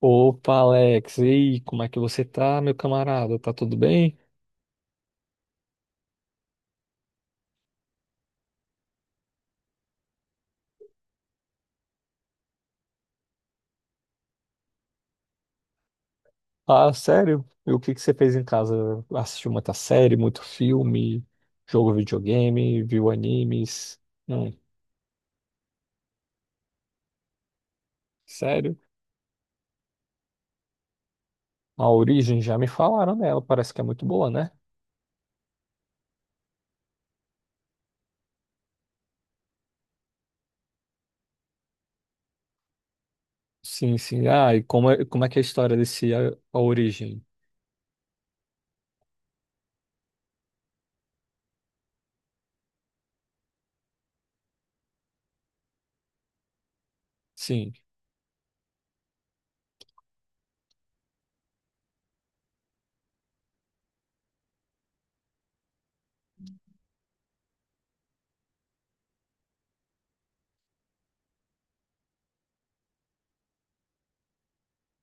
Opa, Alex, e aí, como é que você tá, meu camarada? Tá tudo bem? Ah, sério? E o que que você fez em casa? Assistiu muita série, muito filme, jogou videogame, viu animes? Não, sério? A Origem, já me falaram dela, parece que é muito boa, né? Sim, sim. Ah, e como é que é a história desse A Origem? Sim,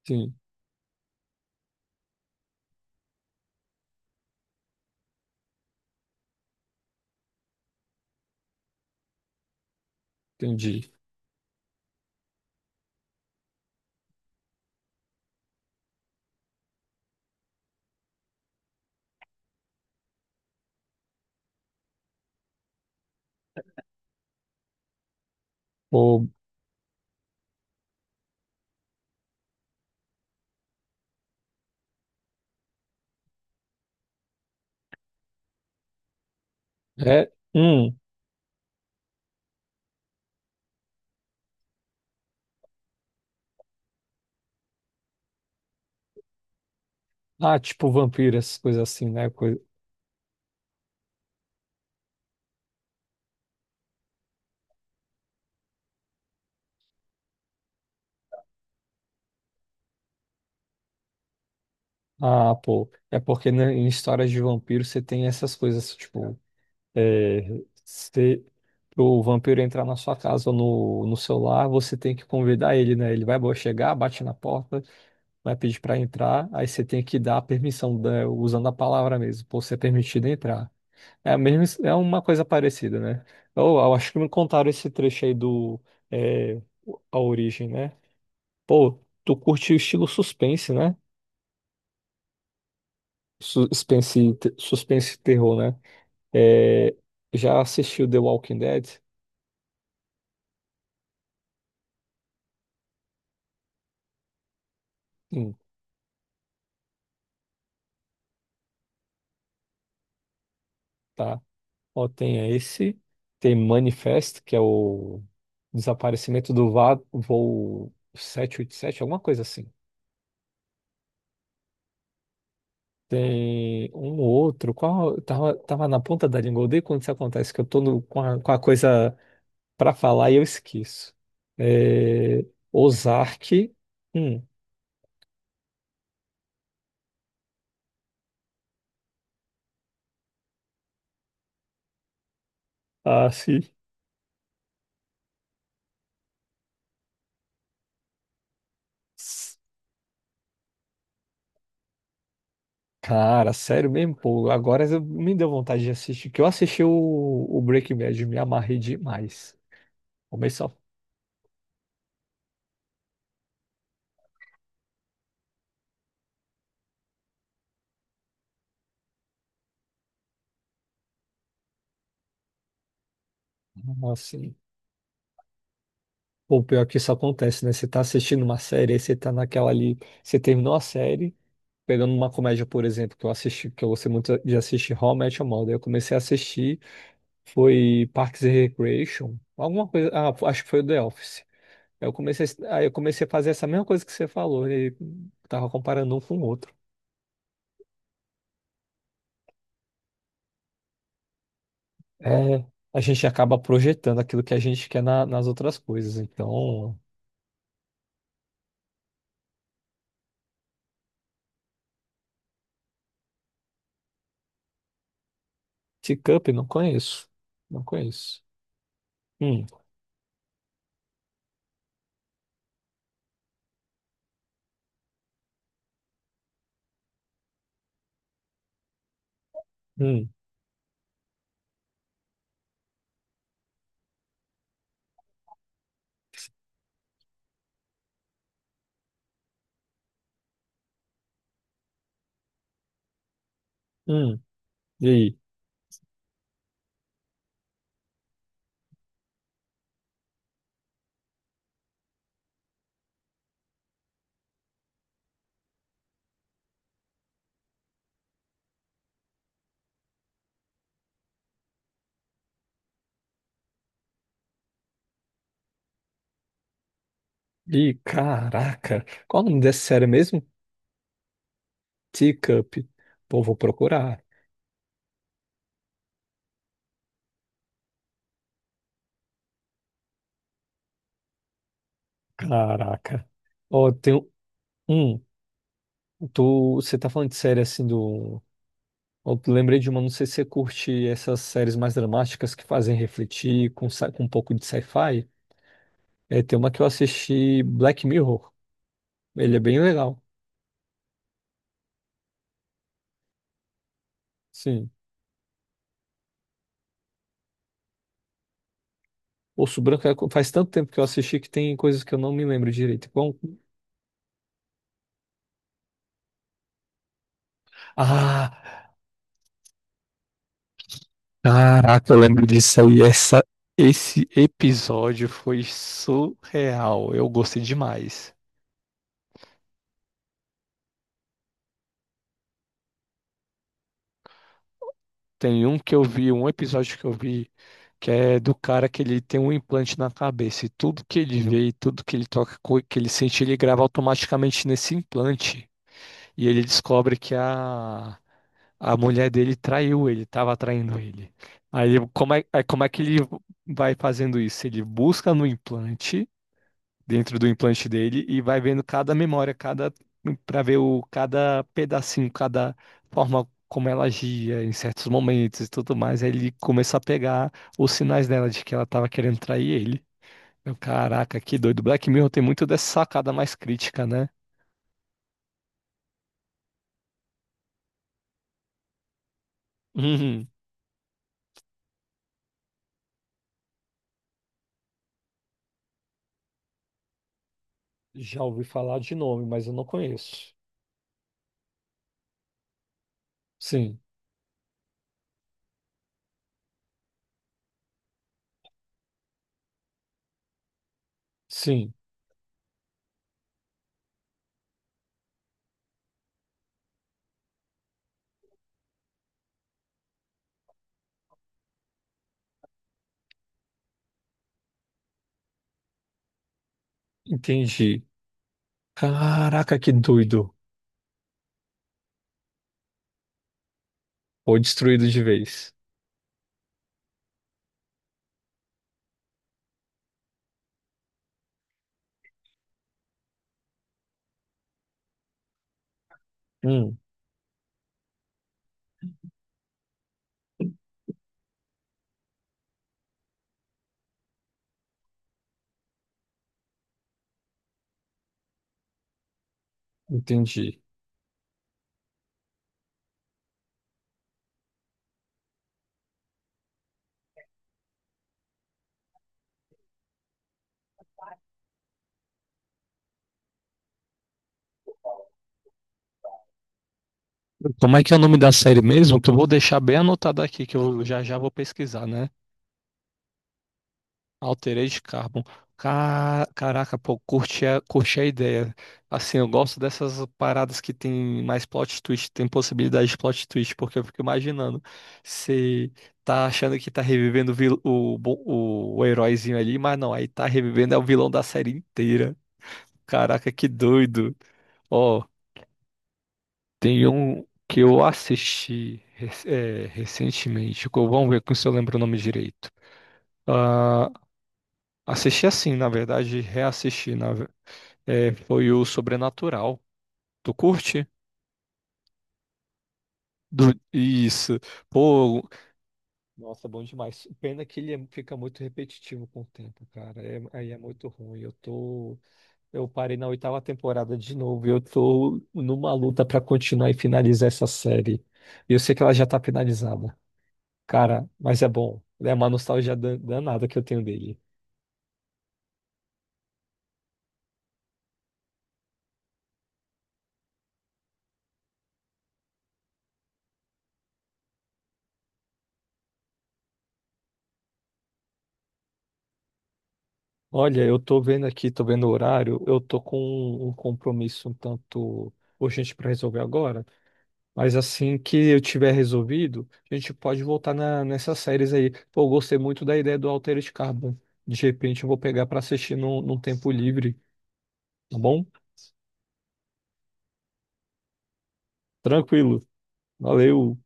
sim, entendi. Ou é, hum, tipo vampiras, coisas assim, né? Ah, pô, é porque né, em histórias de vampiro você tem essas coisas, tipo, se o vampiro entrar na sua casa ou no seu lar, você tem que convidar ele, né? Ele vai chegar, bate na porta, vai pedir pra entrar, aí você tem que dar a permissão, usando a palavra mesmo, por ser permitido entrar. É a mesma, é uma coisa parecida, né? Eu acho que me contaram esse trecho aí do, é, A Origem, né? Pô, tu curte o estilo suspense, né? Suspense, suspense e terror, né? É, já assistiu The Walking Dead? Hum, tá. Ó, tem esse, tem Manifest, que é o desaparecimento do voo 787, alguma coisa assim. Tem um ou outro, qual, tava na ponta da língua, eu odeio quando isso acontece, que eu tô com a coisa pra falar e eu esqueço. É, Ozark, hum, sim. Cara, sério mesmo, pô. Agora me deu vontade de assistir, que eu assisti o Breaking Bad, me amarrei demais. Começou assim. Pô, pior que isso acontece, né? Você tá assistindo uma série, aí você tá naquela ali. Você terminou a série, pegando uma comédia, por exemplo, que eu assisti, que eu gostei muito de assistir How I Met Your Mother. Eu comecei a assistir, foi Parks and Recreation, alguma coisa. Ah, acho que foi o The Office. Aí eu comecei a fazer essa mesma coisa que você falou, e tava comparando um com o outro. É, a gente acaba projetando aquilo que a gente quer nas outras coisas. Então, Teacup, não conheço. Não conheço. Hum, hum, hum. E aí? Ih, caraca. Qual o nome dessa série mesmo? Teacup. Pô, vou procurar. Caraca. Ó, tem um. hum, você tá falando de série assim do. Eu lembrei de uma, não sei se você curte essas séries mais dramáticas que fazem refletir com um pouco de sci-fi. É, tem uma que eu assisti, Black Mirror. Ele é bem legal. Sim. Osso Branco é faz tanto tempo que eu assisti que tem coisas que eu não me lembro direito. Bom. Ah, caraca, eu lembro disso aí. Esse episódio foi surreal. Eu gostei demais. Tem um que eu vi, um episódio que eu vi, que é do cara que ele tem um implante na cabeça e tudo que ele vê e tudo que ele toca, que ele sente, ele grava automaticamente nesse implante. E ele descobre que a mulher dele traiu ele, estava traindo ele. Aí como é que ele vai fazendo isso? Ele busca no implante, dentro do implante dele, e vai vendo cada memória, cada para ver o cada pedacinho, cada forma como ela agia em certos momentos e tudo mais. Aí ele começa a pegar os sinais dela de que ela estava querendo trair ele. Eu, caraca, que doido. Black Mirror tem muito dessa sacada mais crítica, né? Já ouvi falar de nome, mas eu não conheço. Sim, sim, entendi. Caraca, que doido. Foi destruído de vez. Hum, entendi. Como é que é o nome da série mesmo? Que eu vou deixar bem anotado aqui, que eu já já vou pesquisar, né? Altered Carbon. Caraca, pô, curti a ideia. Assim, eu gosto dessas paradas que tem mais plot twist, tem possibilidade de plot twist, porque eu fico imaginando. Você tá achando que tá revivendo o, vil- o, bo- o heróizinho ali, mas não, aí tá revivendo é o vilão da série inteira. Caraca, que doido. Ó, tem um que eu assisti recentemente. Vamos ver se eu lembro o nome direito. Ah, assisti assim, na verdade, reassisti. É, foi o Sobrenatural. Tu curte? Isso. Pô, nossa, bom demais. Pena que ele fica muito repetitivo com o tempo, cara. Aí é muito ruim. Eu parei na oitava temporada de novo. E eu tô numa luta pra continuar e finalizar essa série. E eu sei que ela já tá finalizada, cara. Mas é bom. É uma nostalgia danada que eu tenho dele. Olha, eu tô vendo aqui, tô vendo o horário. Eu tô com um compromisso um tanto urgente pra resolver agora. Mas assim que eu tiver resolvido, a gente pode voltar nessas séries aí. Pô, eu gostei muito da ideia do Altered Carbon. De repente eu vou pegar pra assistir num tempo livre, tá bom? Tranquilo. Valeu.